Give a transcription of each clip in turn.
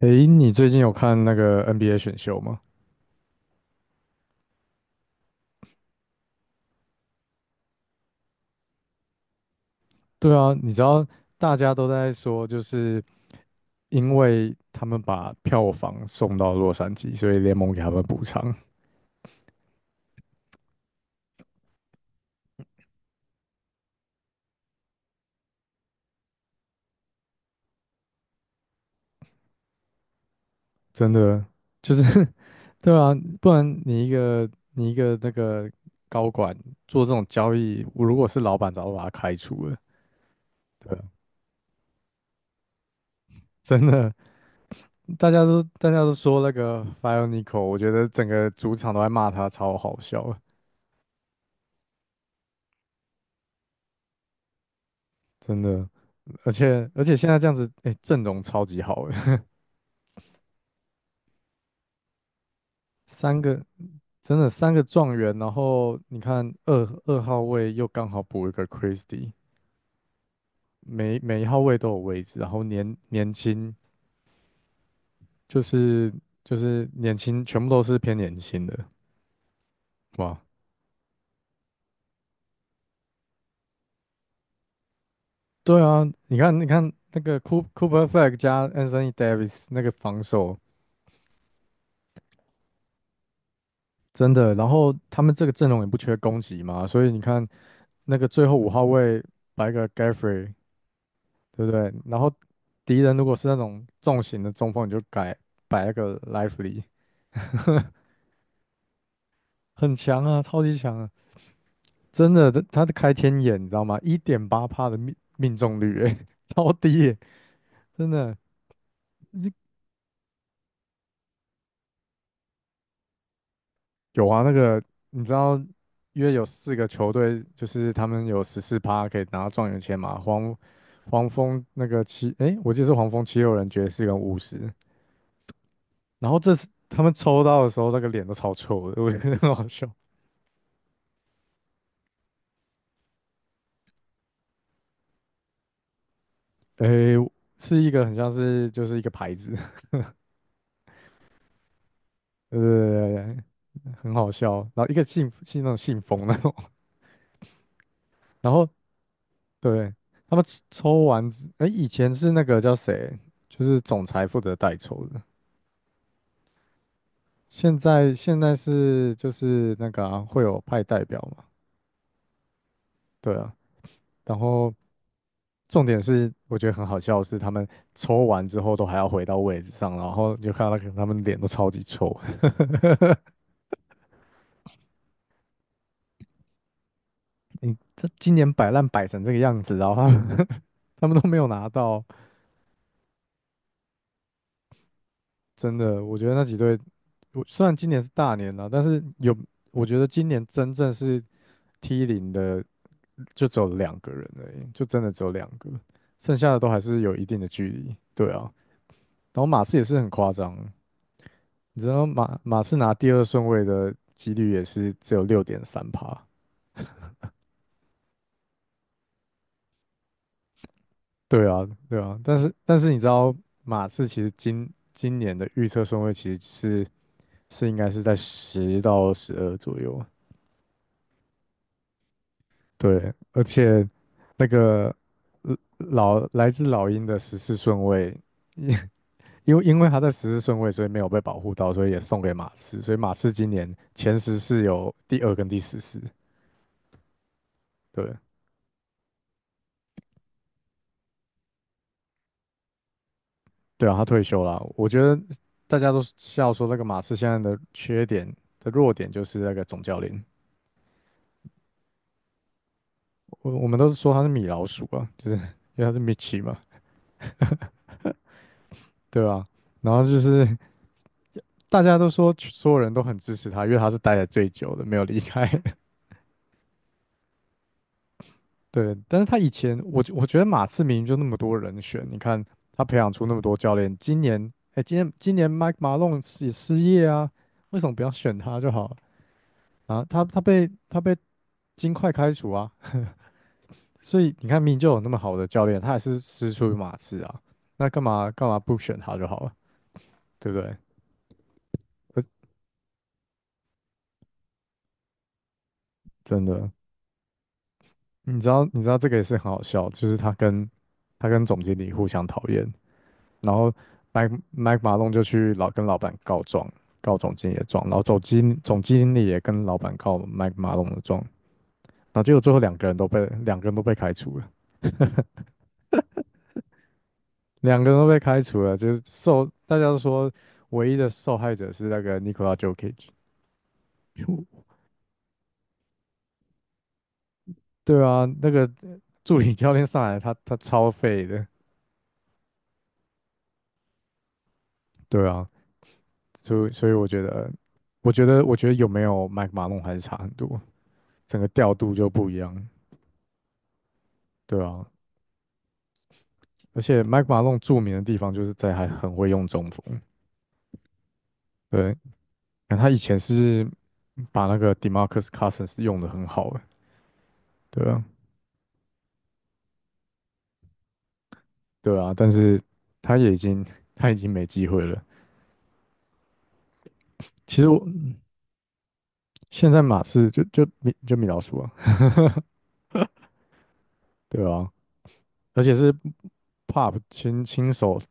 诶，你最近有看那个 NBA 选秀吗？对啊，你知道大家都在说，就是因为他们把票房送到洛杉矶，所以联盟给他们补偿。真的就是 对啊，不然你一个那个高管做这种交易，我如果是老板，早就把他开除了。对啊，真的，大家都说那个 f i o n i c o 我觉得整个主场都在骂他，超好笑的，真的。而且现在这样子，哎、阵容超级好诶，三个真的三个状元，然后你看二号位又刚好补一个 Christie，每一号位都有位置，然后年轻就是就是年轻，全部都是偏年轻的，哇，对啊，你看那个 Cooper Flag 加 Anthony Davis 那个防守。真的，然后他们这个阵容也不缺攻击嘛，所以你看那个最后五号位摆个 Gaffrey，对不对？然后敌人如果是那种重型的中锋，你就改摆那个 Lively，很强啊，超级强啊，真的，他的开天眼，你知道吗？1.8%的命中率、欸，超低欸，真的。你有啊，那个你知道，约有四个球队，就是他们有14%可以拿到状元签嘛，黄蜂那个七，诶，我记得是黄蜂76人爵士跟巫师，然后这次他们抽到的时候，那个脸都超臭的，我觉得很好笑。诶，是一个很像是就是一个牌子，对对对对对，很好笑。然后一个信那种信封那种，然后对他们抽完之，诶，以前是那个叫谁，就是总裁负责代抽的，现在是就是那个啊会有派代表嘛，对啊。然后重点是我觉得很好笑的是，他们抽完之后都还要回到位置上，然后你就看到那个他们脸都超级臭。你这今年摆烂摆成这个样子，然后他们 他们都没有拿到，真的，我觉得那几队，我虽然今年是大年了，但是有，我觉得今年真正是 T0的，就只有两个人而已，就真的只有两个，剩下的都还是有一定的距离。对啊，然后马刺也是很夸张，你知道马刺拿第二顺位的几率也是只有6.3%。对啊，对啊，但是你知道马刺其实今年的预测顺位其实是应该是在10到12左右，对，而且那个老来自老鹰的十四顺位，因因为他在14顺位，所以没有被保护到，所以也送给马刺。所以马刺今年前十是有第二跟第14。对对啊，他退休了。我觉得大家都笑说那个马刺现在的缺点的弱点就是那个总教练，我们都是说他是米老鼠啊，就是因为他是 m i t c h i 嘛，对吧、然后就是 大家都说所有人都很支持他，因为他是待的最久的，没有离开。对，但是他以前，我觉得马刺明明就那么多人选，你看他培养出那么多教练，今年，哎，今年 Mike Malone 是也失业啊，为什么不要选他就好了啊？他被金块开除啊，所以你看明明就有那么好的教练，他还是师出于马刺啊，那干嘛不选他就好了，对不对？呃真的，你知道这个也是很好笑，就是他跟总经理互相讨厌，然后麦马龙就去老跟老板告状，告总经理的状，然后总经理也跟老板告麦马龙的状，然后结果最后两个人都被开除了，两个人都被开除了，就是受大家都说唯一的受害者是那个尼 i 拉 o l a Jokic，对啊，那个助理教练上来他超废的，对啊，所以我觉得，我觉得有没有麦马龙还是差很多，整个调度就不一样，对啊，而且麦 i 马 e 著名的地方就是在还很会用中锋，对，他以前是把那个 Demarcus Cousins 用的很好的，对啊，对啊，但是他也已经他已经没机会了。其实我现在马刺就米老鼠啊，对啊，而且是 Pop 亲手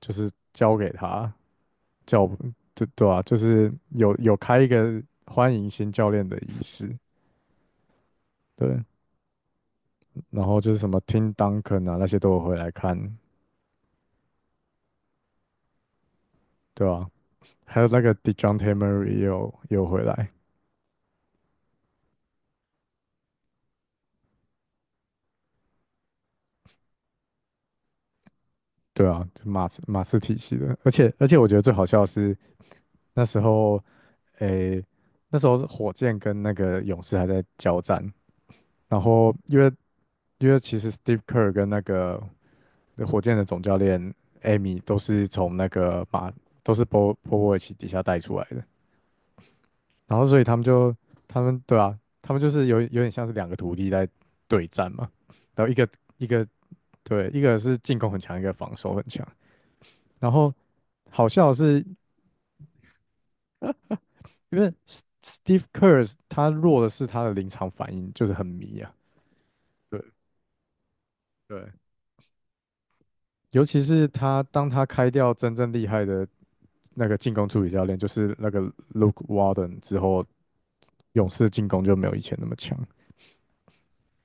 就是交给他，叫对对啊，就是有开一个欢迎新教练的仪式，对，然后就是什么 Tim Duncan 啊那些都有回来看，对吧啊，还有那个 Dejounte Murray 也有回来，对啊，就马刺体系的，而且我觉得最好笑的是那时候，诶、那时候是火箭跟那个勇士还在交战，然后因为其实 Steve Kerr 跟那个火箭的总教练 Amy 都是从那个马都是波波维奇底下带出来的，然后所以他们对啊，他们就是有点像是两个徒弟在对战嘛，然后一个对，一个是进攻很强，一个防守很强。然后好笑的是，因为 Steve Kerr 他弱的是他的临场反应，就是很迷啊。对对，尤其是他当他开掉真正厉害的那个进攻助理教练，就是那个 Luke Walton 之后，勇士进攻就没有以前那么强。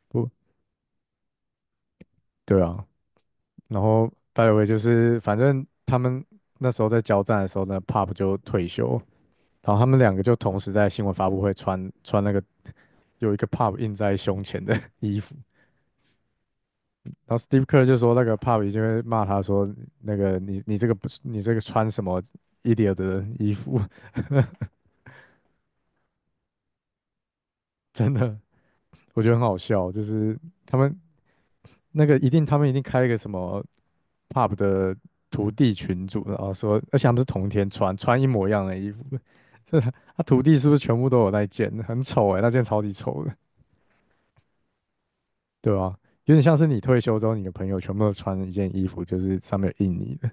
不，对啊。然后 就是反正他们那时候在交战的时候呢，Pop 就退休，然后他们两个就同时在新闻发布会穿那个有一个 pub 印在胸前的 衣服，然后 Steve Kerr 就说那个 pub 已经会骂他说那个你你这个不是你这个穿什么 idiot 的衣服，真的，我觉得很好笑，就是他们那个一定开一个什么 pub 的徒弟群组，然后说而且他们是同一天穿一模一样的衣服，这他徒弟是不是全部都有那一件？很丑哎，那件超级丑的。对啊，有点像是你退休之后，你的朋友全部都穿一件衣服，就是上面有印你的，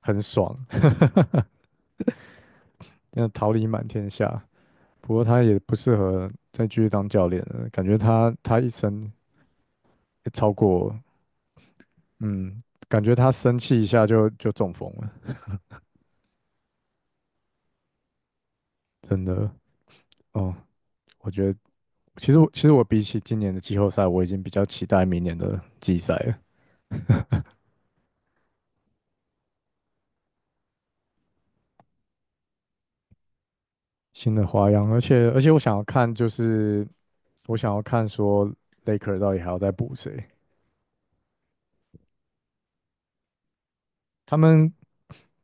很爽，那桃李满天下。不过他也不适合再继续当教练了，感觉他一生超过，嗯，感觉他生气一下就中风了，真的。哦，我觉得其实我比起今年的季后赛，我已经比较期待明年的季赛了，新的花样，而且我想要看就是我想要看说 Laker 到底还要再补谁。他们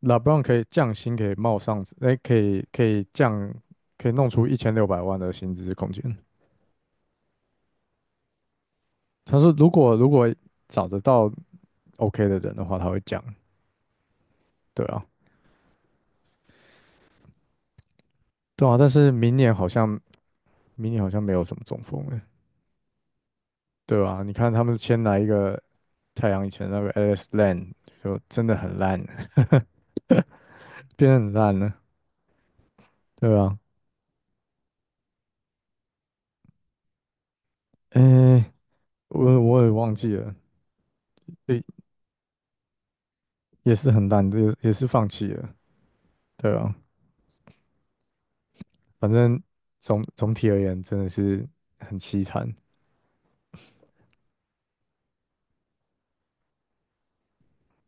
LeBron 可以降薪，可以冒上，哎，可以降，可以弄出1,600万的薪资空间。他说，如果找得到 OK 的人的话，他会降。对啊，对啊，但是明年好像没有什么中锋哎，对啊，你看他们先来一个太阳以前那个 Alex Len，就真的很烂，变得很烂了，对啊，哎，我也忘记了，对，也是很烂，也是放弃了，对啊，反正总体而言真的是很凄惨，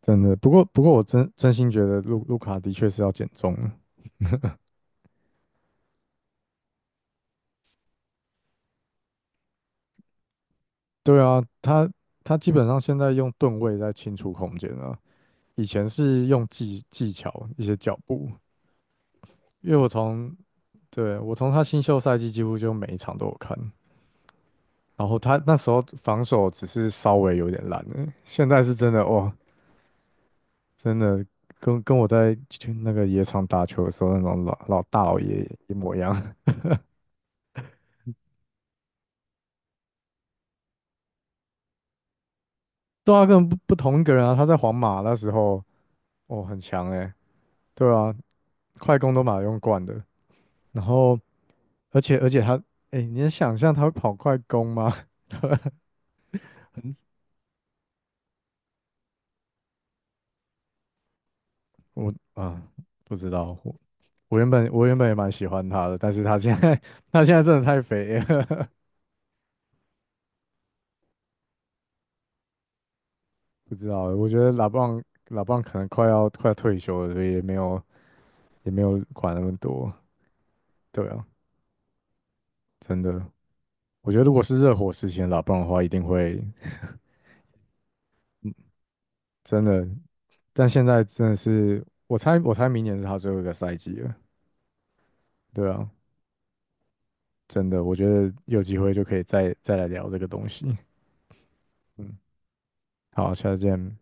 真的。不过我真心觉得路卡的确是要减重了。对啊，他基本上现在用盾位在清除空间啊，以前是用技巧一些脚步。因为对，我从他新秀赛季几乎就每一场都有看，然后他那时候防守只是稍微有点烂而已现在是真的哇，真的跟我在去那个野场打球的时候那种老大老爷一模一样。对啊，根本不同一个人啊！他在皇马那时候，哦，很强诶、对啊，快攻都马用惯的。然后，而且他，诶、你能想象他会跑快攻吗？我啊，不知道。我原本也蛮喜欢他的，但是他现在 他现在真的太肥了，不知道。我觉得老棒可能快要退休了，所以也没有管那么多。对啊，真的，我觉得如果是热火时期的拉布朗的话，一定会嗯真的但现在真的是，我猜明年是他最后一个赛季了，对啊，真的，我觉得有机会就可以再来聊这个东西。嗯，好，下次见。